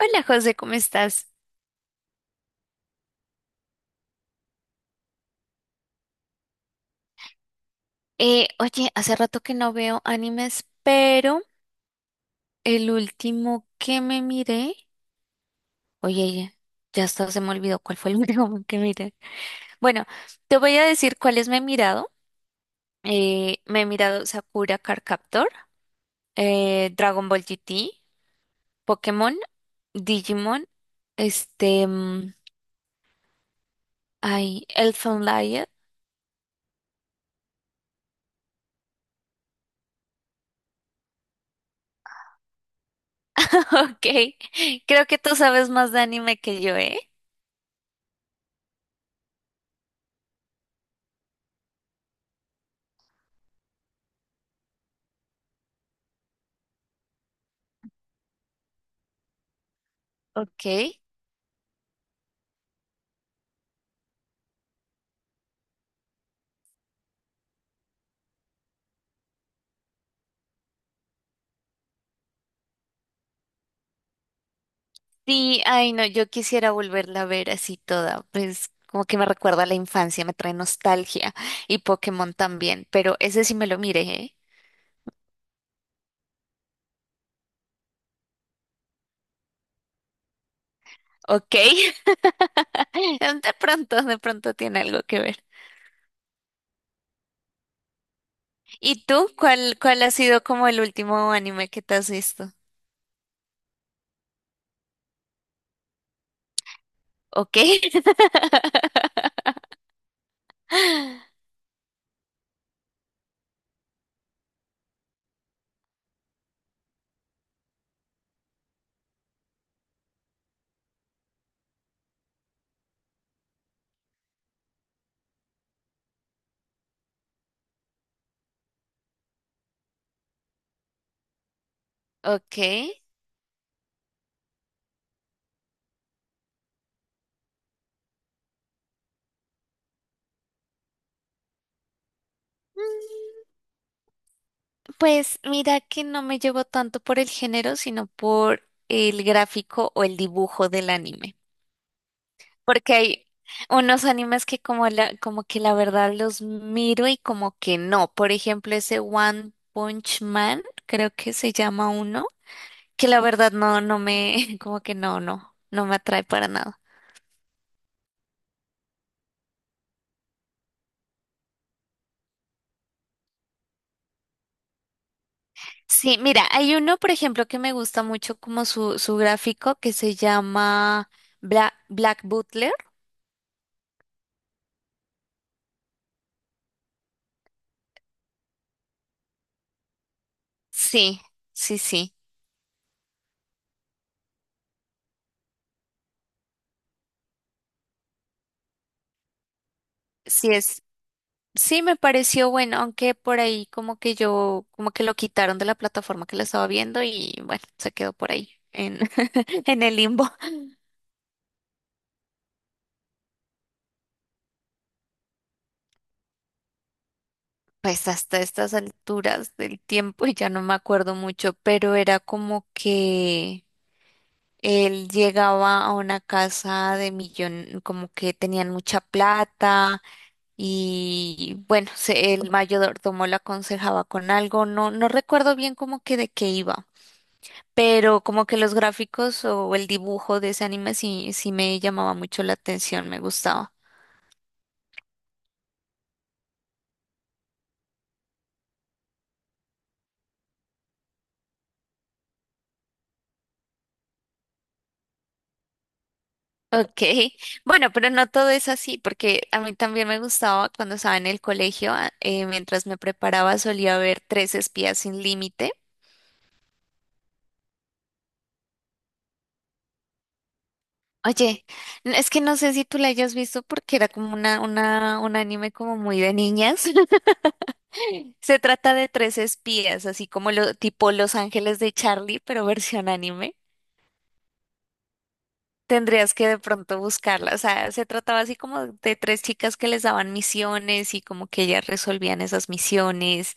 Hola José, ¿cómo estás? Oye, hace rato que no veo animes, pero el último que me miré, oye, ya hasta se me olvidó cuál fue el último que miré. Bueno, te voy a decir cuáles me he mirado. Me he mirado Sakura Card Captor, Dragon Ball GT, Pokémon, Digimon, este, mm, ay, Elfen Lied. Ok, creo que tú sabes más de anime que yo, ¿eh? Ok. Sí, ay no, yo quisiera volverla a ver así toda, pues como que me recuerda a la infancia, me trae nostalgia y Pokémon también, pero ese sí me lo miré, ¿eh? Ok, de pronto tiene algo que ver. ¿Y tú cuál ha sido como el último anime que te has visto? Ok. Ok. Mm, Pues mira que no me llevo tanto por el género, sino por el gráfico o el dibujo del anime. Porque hay unos animes que como que la verdad los miro y como que no. Por ejemplo, ese One Punch Man, creo que se llama uno, que la verdad no, no me, como que no me atrae para nada. Sí, mira, hay uno, por ejemplo, que me gusta mucho como su gráfico, que se llama Black Butler. Sí, sí. Sí es. Sí, me pareció bueno, aunque por ahí como que yo, como que lo quitaron de la plataforma que lo estaba viendo y bueno, se quedó por ahí en, en el limbo. Pues hasta estas alturas del tiempo ya no me acuerdo mucho, pero era como que él llegaba a una casa de millón, como que tenían mucha plata y bueno, el mayordomo le aconsejaba con algo, no recuerdo bien como que de qué iba. Pero como que los gráficos o el dibujo de ese anime sí me llamaba mucho la atención, me gustaba. Ok, bueno, pero no todo es así, porque a mí también me gustaba cuando estaba en el colegio, mientras me preparaba solía ver Tres Espías Sin Límite. Oye, es que no sé si tú la hayas visto porque era como un anime como muy de niñas. Se trata de tres espías, así como lo, tipo Los Ángeles de Charlie, pero versión anime. Tendrías que de pronto buscarla. O sea, se trataba así como de tres chicas que les daban misiones y como que ellas resolvían esas misiones,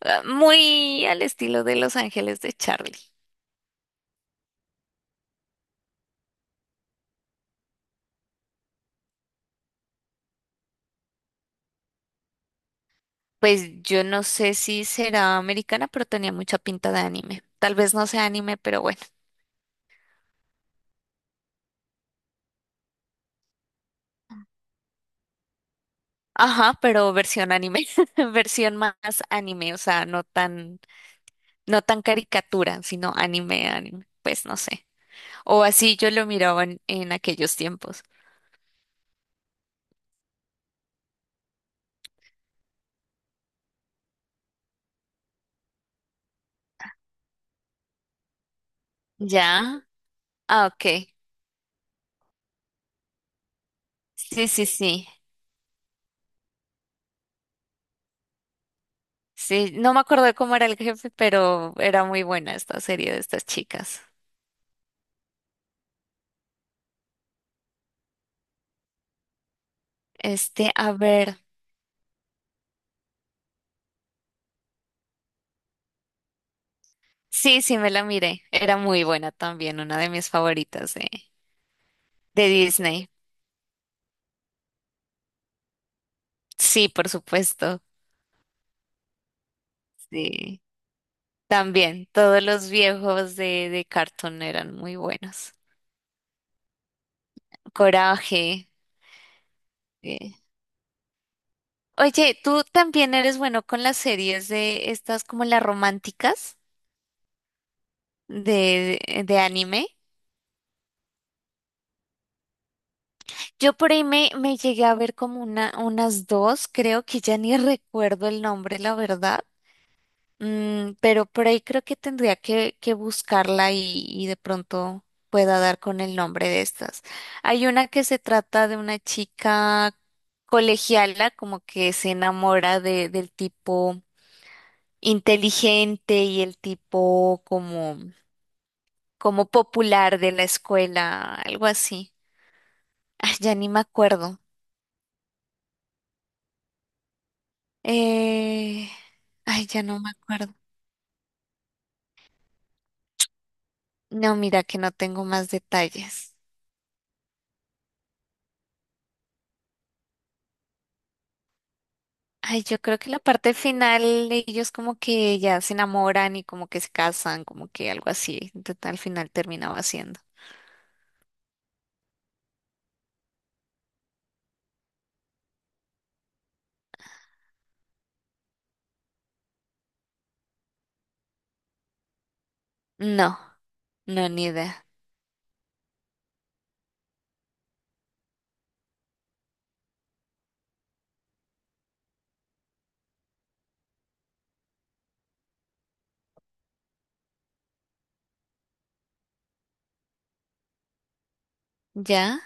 ah, muy al estilo de Los Ángeles de Charlie. Pues yo no sé si será americana, pero tenía mucha pinta de anime. Tal vez no sea anime, pero bueno. Ajá, pero versión anime, versión más anime, o sea, no tan, no tan caricatura, sino anime, anime. Pues no sé. O así yo lo miraba en aquellos tiempos. Ya, ah, ok. Sí, sí, sí. Sí, no me acuerdo de cómo era el jefe, pero era muy buena esta serie de estas chicas. Este, a ver. Sí, sí, me la miré. Era muy buena también, una de mis favoritas de Disney. Sí, por supuesto. Sí. También, todos los viejos de Cartoon eran muy buenos. Coraje. Sí. Oye, ¿tú también eres bueno con las series de estas como las románticas de de anime? Yo por ahí me llegué a ver como una, unas dos, creo que ya ni recuerdo el nombre, la verdad. Pero por ahí creo que tendría que buscarla y de pronto pueda dar con el nombre de estas. Hay una que se trata de una chica colegiala, como que se enamora del tipo inteligente y el tipo como, como popular de la escuela, algo así. Ah, ya ni me acuerdo. Eh, ay, ya no me acuerdo. No, mira que no tengo más detalles. Ay, yo creo que la parte final ellos como que ya se enamoran y como que se casan, como que algo así. Entonces, al final terminaba haciendo. No, no, ni idea. ¿Ya?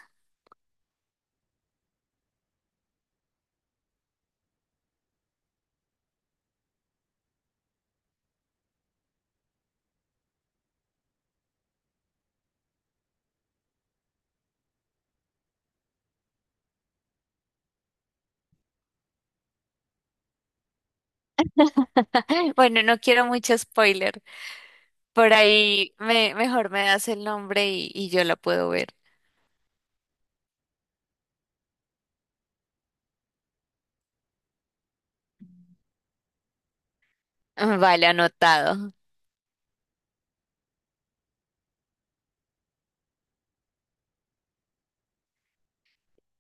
Bueno, no quiero mucho spoiler. Por ahí mejor me das el nombre y yo la puedo ver. Vale, anotado.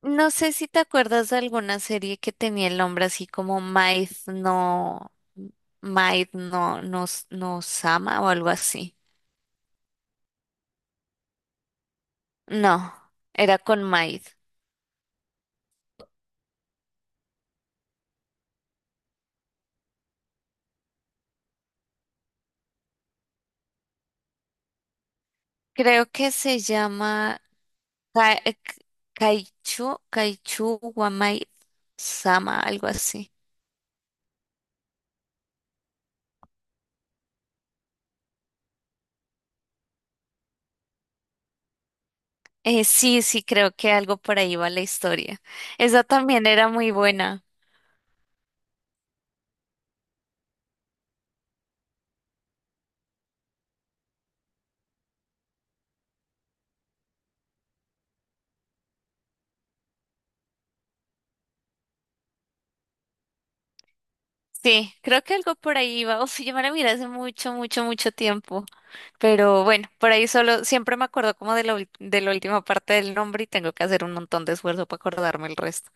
No sé si te acuerdas de alguna serie que tenía el nombre así como Maid no, no, no Sama o algo así. No, era con Maid. Creo que se llama Ka- eh, Kaichu wa Maid Sama, algo así. Sí, sí, creo que algo por ahí va la historia. Esa también era muy buena. Sí, creo que algo por ahí va. Uf, yo me la miré hace mucho, mucho, mucho tiempo. Pero bueno, por ahí solo siempre me acuerdo como de de la última parte del nombre y tengo que hacer un montón de esfuerzo para acordarme el resto.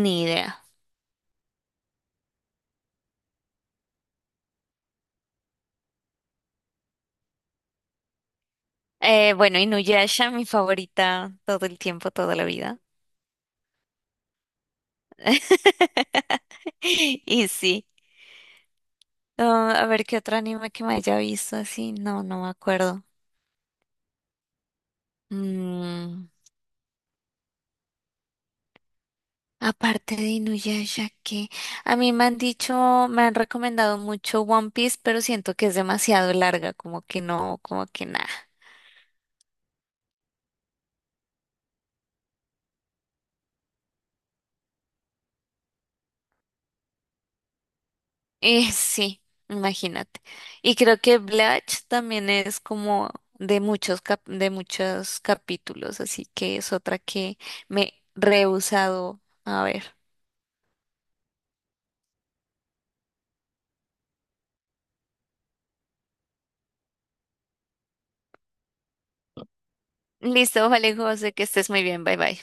Ni idea. Bueno, Inuyasha, mi favorita todo el tiempo, toda la vida. Y sí. Ah, a ver qué otro anime que me haya visto así. No, no me acuerdo. Mm, Aparte de Inuyasha, que a mí me han dicho, me han recomendado mucho One Piece, pero siento que es demasiado larga, como que no, como que nada. Sí, imagínate. Y creo que Blatch también es como de muchos de muchos capítulos, así que es otra que me he rehusado a ver. Listo, vale, José, que estés muy bien. Bye bye.